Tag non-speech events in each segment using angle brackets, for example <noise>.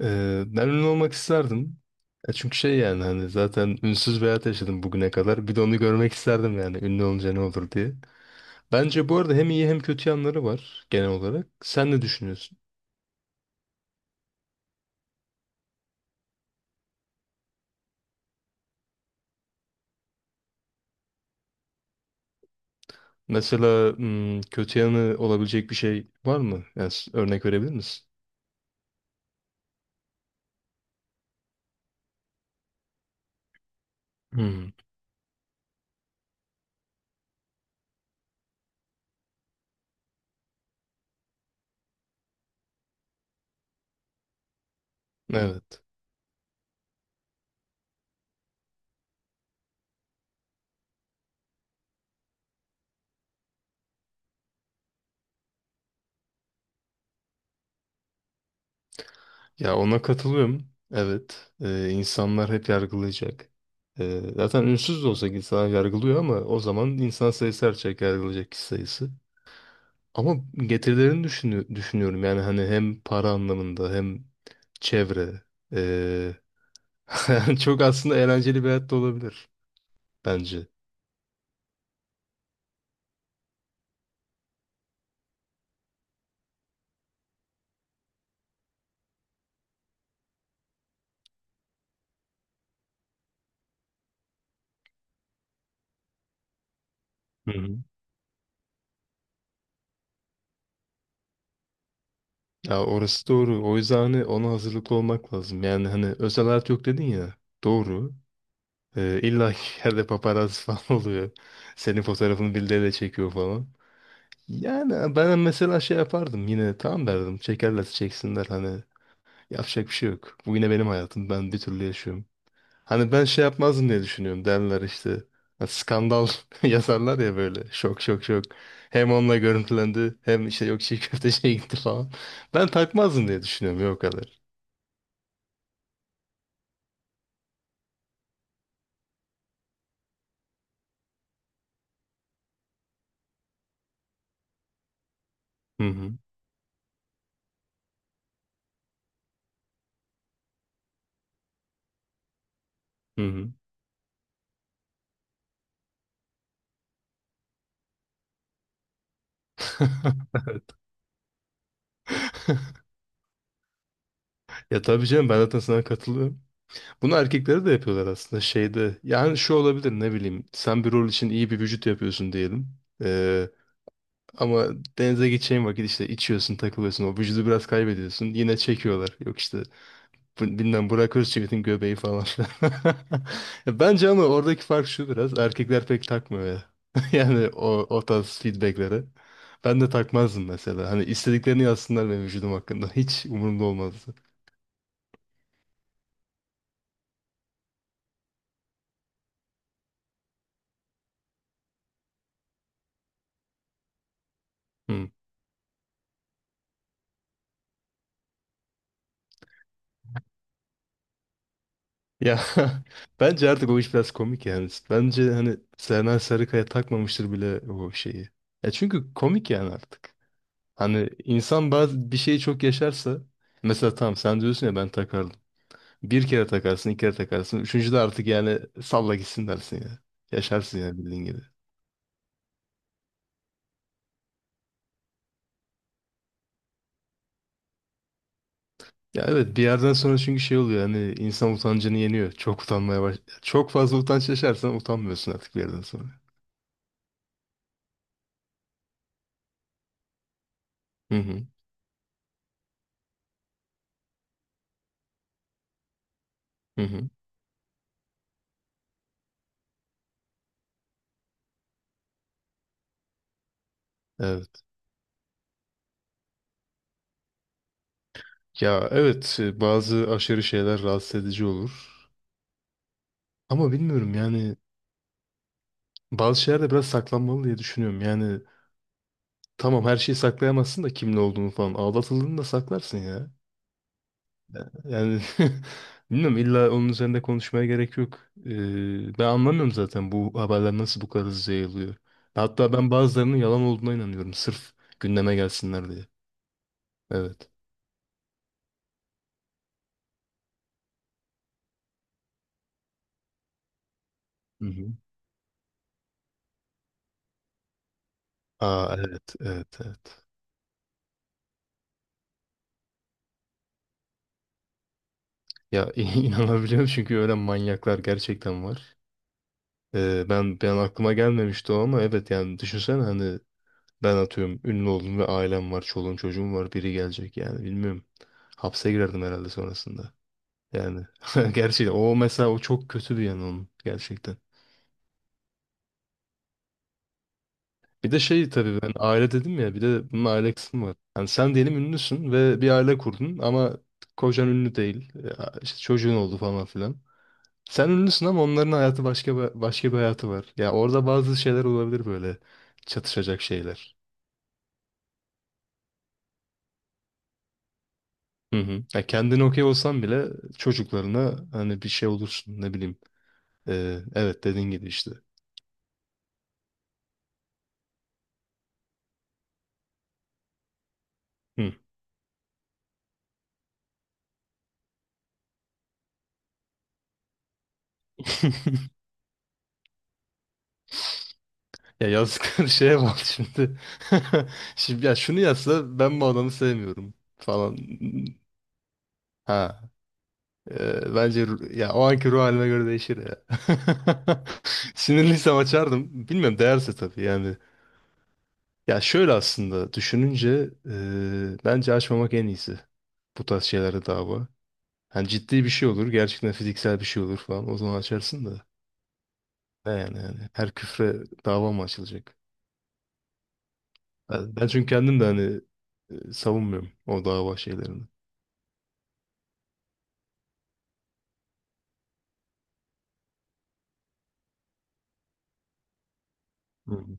Ben ünlü olmak isterdim. Ya çünkü şey yani hani zaten ünsüz bir hayat yaşadım bugüne kadar. Bir de onu görmek isterdim yani ünlü olunca ne olur diye. Bence bu arada hem iyi hem kötü yanları var genel olarak. Sen ne düşünüyorsun? Mesela kötü yanı olabilecek bir şey var mı? Yani örnek verebilir misin? Hmm, evet. Ya ona katılıyorum. Evet. İnsanlar hep yargılayacak. Zaten ünsüz de olsa insanlar yargılıyor ama o zaman insan sayısı artacak, yargılayacak kişi sayısı. Ama getirilerini düşünüyorum. Yani hani hem para anlamında hem çevre. Ee, <laughs> Yani çok aslında eğlenceli bir hayat da olabilir bence. Hı hı. Ya orası doğru. O yüzden hani ona hazırlıklı olmak lazım. Yani hani özel hayat yok dedin ya. Doğru. İlla ki <laughs> yerde paparazzi falan oluyor. Senin fotoğrafını birileriyle çekiyor falan. Yani ben mesela şey yapardım, yine tamam derdim. Çekerlerse çeksinler, hani yapacak bir şey yok. Bu yine benim hayatım. Ben bir türlü yaşıyorum. Hani ben şey yapmazdım diye düşünüyorum, derler işte. Ha, skandal <laughs> yazarlar ya, böyle şok şok şok. Hem onunla görüntülendi hem işte yok çiğ köfteciye <laughs> gitti falan. Ben takmazdım diye düşünüyorum ya, o kadar. Hı hı. Hı hı. <laughs> Ya tabii canım, ben zaten sana katılıyorum. Bunu erkekleri de yapıyorlar aslında şeyde. Yani şu olabilir, ne bileyim. Sen bir rol için iyi bir vücut yapıyorsun diyelim. Ee, ama denize gideceğin vakit işte içiyorsun, takılıyorsun. O vücudu biraz kaybediyorsun. Yine çekiyorlar. Yok işte bilmem Burak Özçivit'in göbeği falan filan. <laughs> Ya bence ama oradaki fark şu biraz. Erkekler pek takmıyor ya. <laughs> Yani o tarz feedbackleri. Ben de takmazdım mesela. Hani istediklerini yazsınlar benim vücudum hakkında. Hiç umurumda olmazdı. Hmm. Ya <laughs> bence artık o iş biraz komik yani. Bence hani Sena Sarıkaya takmamıştır bile o şeyi. Ya çünkü komik yani artık. Hani insan bazı bir şeyi çok yaşarsa, mesela tamam sen diyorsun ya ben takardım. Bir kere takarsın, iki kere takarsın. Üçüncü de artık yani salla gitsin dersin ya. Yaşarsın yani bildiğin gibi. Ya evet, bir yerden sonra çünkü şey oluyor, hani insan utancını yeniyor. Çok utanmaya Çok fazla utanç yaşarsan utanmıyorsun artık bir yerden sonra. Hı hı. Hı hı. Evet. Ya evet bazı aşırı şeyler rahatsız edici olur. Ama bilmiyorum yani, bazı şeyler de biraz saklanmalı diye düşünüyorum. Yani tamam, her şeyi saklayamazsın da kimin olduğunu falan. Aldatıldığını da saklarsın ya. Yani <laughs> bilmiyorum, illa onun üzerinde konuşmaya gerek yok. Ben anlamıyorum zaten bu haberler nasıl bu kadar hızlı yayılıyor. Hatta ben bazılarının yalan olduğuna inanıyorum. Sırf gündeme gelsinler diye. Evet. Hı hı. Aa, evet evet evet. Ya <laughs> inanabiliyorum çünkü öyle manyaklar gerçekten var. Ben aklıma gelmemişti o ama evet, yani düşünsene hani ben atıyorum ünlü oldum ve ailem var, çoluğum çocuğum var, biri gelecek yani bilmiyorum. Hapse girerdim herhalde sonrasında. Yani <laughs> gerçekten o mesela o çok kötü bir yanı onun gerçekten. Bir de şey tabii, ben aile dedim ya, bir de bunun aile kısmı var. Yani sen diyelim ünlüsün ve bir aile kurdun ama kocan ünlü değil. Ya işte çocuğun oldu falan filan. Sen ünlüsün ama onların hayatı başka bir hayatı var. Ya orada bazı şeyler olabilir, böyle çatışacak şeyler. Hı hı. Ya kendine okey olsan bile çocuklarına hani bir şey olursun, ne bileyim. Evet, dediğin gibi işte. Hı. <laughs> Ya yazdıkları <laughs> şeye bak şimdi. <laughs> Şimdi ya şunu yazsa ben bu adamı sevmiyorum falan. Ha. Bence ya o anki ruh halime göre değişir ya. <laughs> Sinirliysem açardım. Bilmiyorum, değerse tabii yani. Ya şöyle aslında düşününce bence açmamak en iyisi. Bu tarz şeylere dava. Hani ciddi bir şey olur. Gerçekten fiziksel bir şey olur falan. O zaman açarsın da. Ne yani yani. Her küfre dava mı açılacak? Ben çünkü kendim de hani savunmuyorum o dava şeylerini. Hı hı.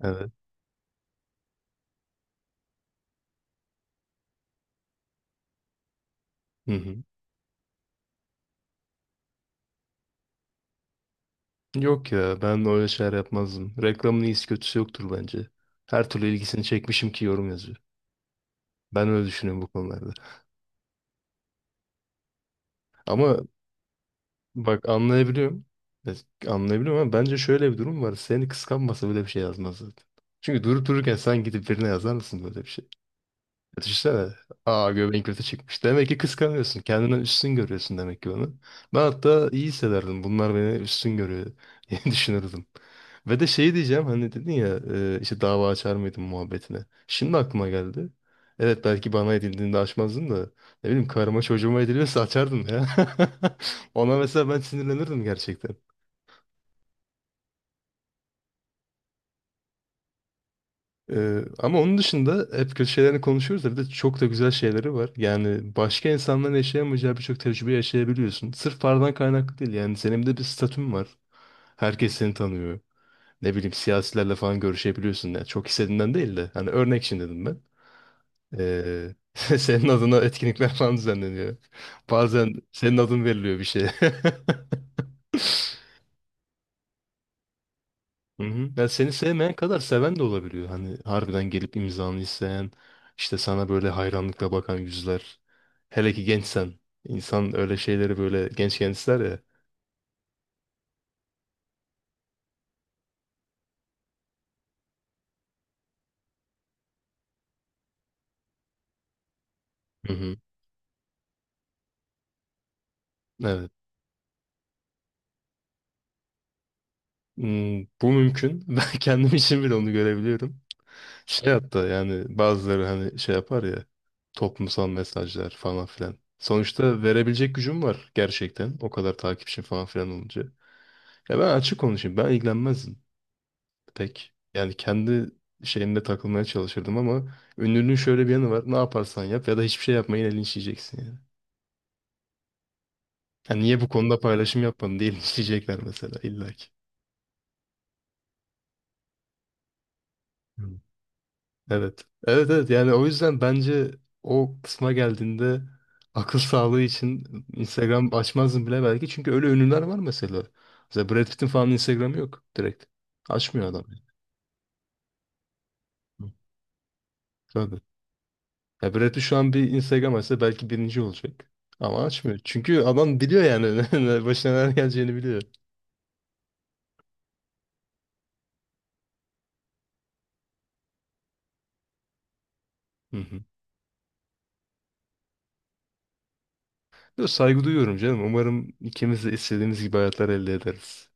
Evet. Hı hı. Yok ya, ben öyle şeyler yapmazdım. Reklamın iyisi kötüsü yoktur bence. Her türlü ilgisini çekmişim ki yorum yazıyor. Ben öyle düşünüyorum bu konularda. Ama bak, anlayabiliyorum. Evet, anlayabiliyorum ama bence şöyle bir durum var. Seni kıskanmasa böyle bir şey yazmaz zaten. Çünkü durup dururken sen gidip birine yazar mısın böyle bir şey? Düşünsene. Aa, göbeğin kötü çıkmış. Demek ki kıskanıyorsun. Kendinden üstün görüyorsun demek ki onu. Ben hatta iyi hissederdim. Bunlar beni üstün görüyor <laughs> diye düşünürdüm. Ve de şey diyeceğim, hani dedin ya işte dava açar mıydın muhabbetine. Şimdi aklıma geldi. Evet, belki bana edildiğinde açmazdın da ne bileyim karıma çocuğuma ediliyorsa açardım ya. <laughs> Ona mesela ben sinirlenirdim gerçekten. Ama onun dışında hep kötü şeylerini konuşuyoruz da bir de çok da güzel şeyleri var. Yani başka insanların yaşayamayacağı birçok tecrübe yaşayabiliyorsun. Sırf paradan kaynaklı değil, yani senin de bir statün var. Herkes seni tanıyor. Ne bileyim siyasilerle falan görüşebiliyorsun. Yani çok istediğinden değil de hani örnek için dedim ben. Ee, <laughs> senin adına etkinlikler falan düzenleniyor. Bazen senin adın veriliyor bir şeye. <laughs> Hı hı. Ya seni sevmeyen kadar seven de olabiliyor. Hani harbiden gelip imzanı isteyen, işte sana böyle hayranlıkla bakan yüzler. Hele ki gençsen. İnsan öyle şeyleri böyle gençken ister ya. Hı hı. Evet. Hmm, bu mümkün. <laughs> Ben kendim için bile onu görebiliyorum. Şey hatta yani bazıları hani şey yapar ya. Toplumsal mesajlar falan filan. Sonuçta verebilecek gücüm var gerçekten. O kadar takipçim falan filan olunca. Ya ben açık konuşayım. Ben ilgilenmezdim pek. Yani kendi şeyinde takılmaya çalışırdım ama ünlülüğün şöyle bir yanı var. Ne yaparsan yap ya da hiçbir şey yapma, yine linçleyeceksin yani. Yani niye bu konuda paylaşım yapmadın diye <laughs> linçleyecekler mesela illaki. Hmm. Evet. Evet evet, yani o yüzden bence o kısma geldiğinde akıl <laughs> sağlığı için Instagram açmazdım bile belki. Çünkü öyle ünlüler var mesela. Mesela Brad Pitt'in falan Instagram'ı yok direkt. Açmıyor adam. Hmm. Tabii. Ya Brad Pitt şu an bir Instagram açsa belki birinci olacak. Ama açmıyor. Çünkü adam biliyor yani <laughs> başına neler geleceğini biliyor. Hı hı. Yo, saygı duyuyorum canım. Umarım ikimiz de istediğimiz gibi hayatlar elde ederiz.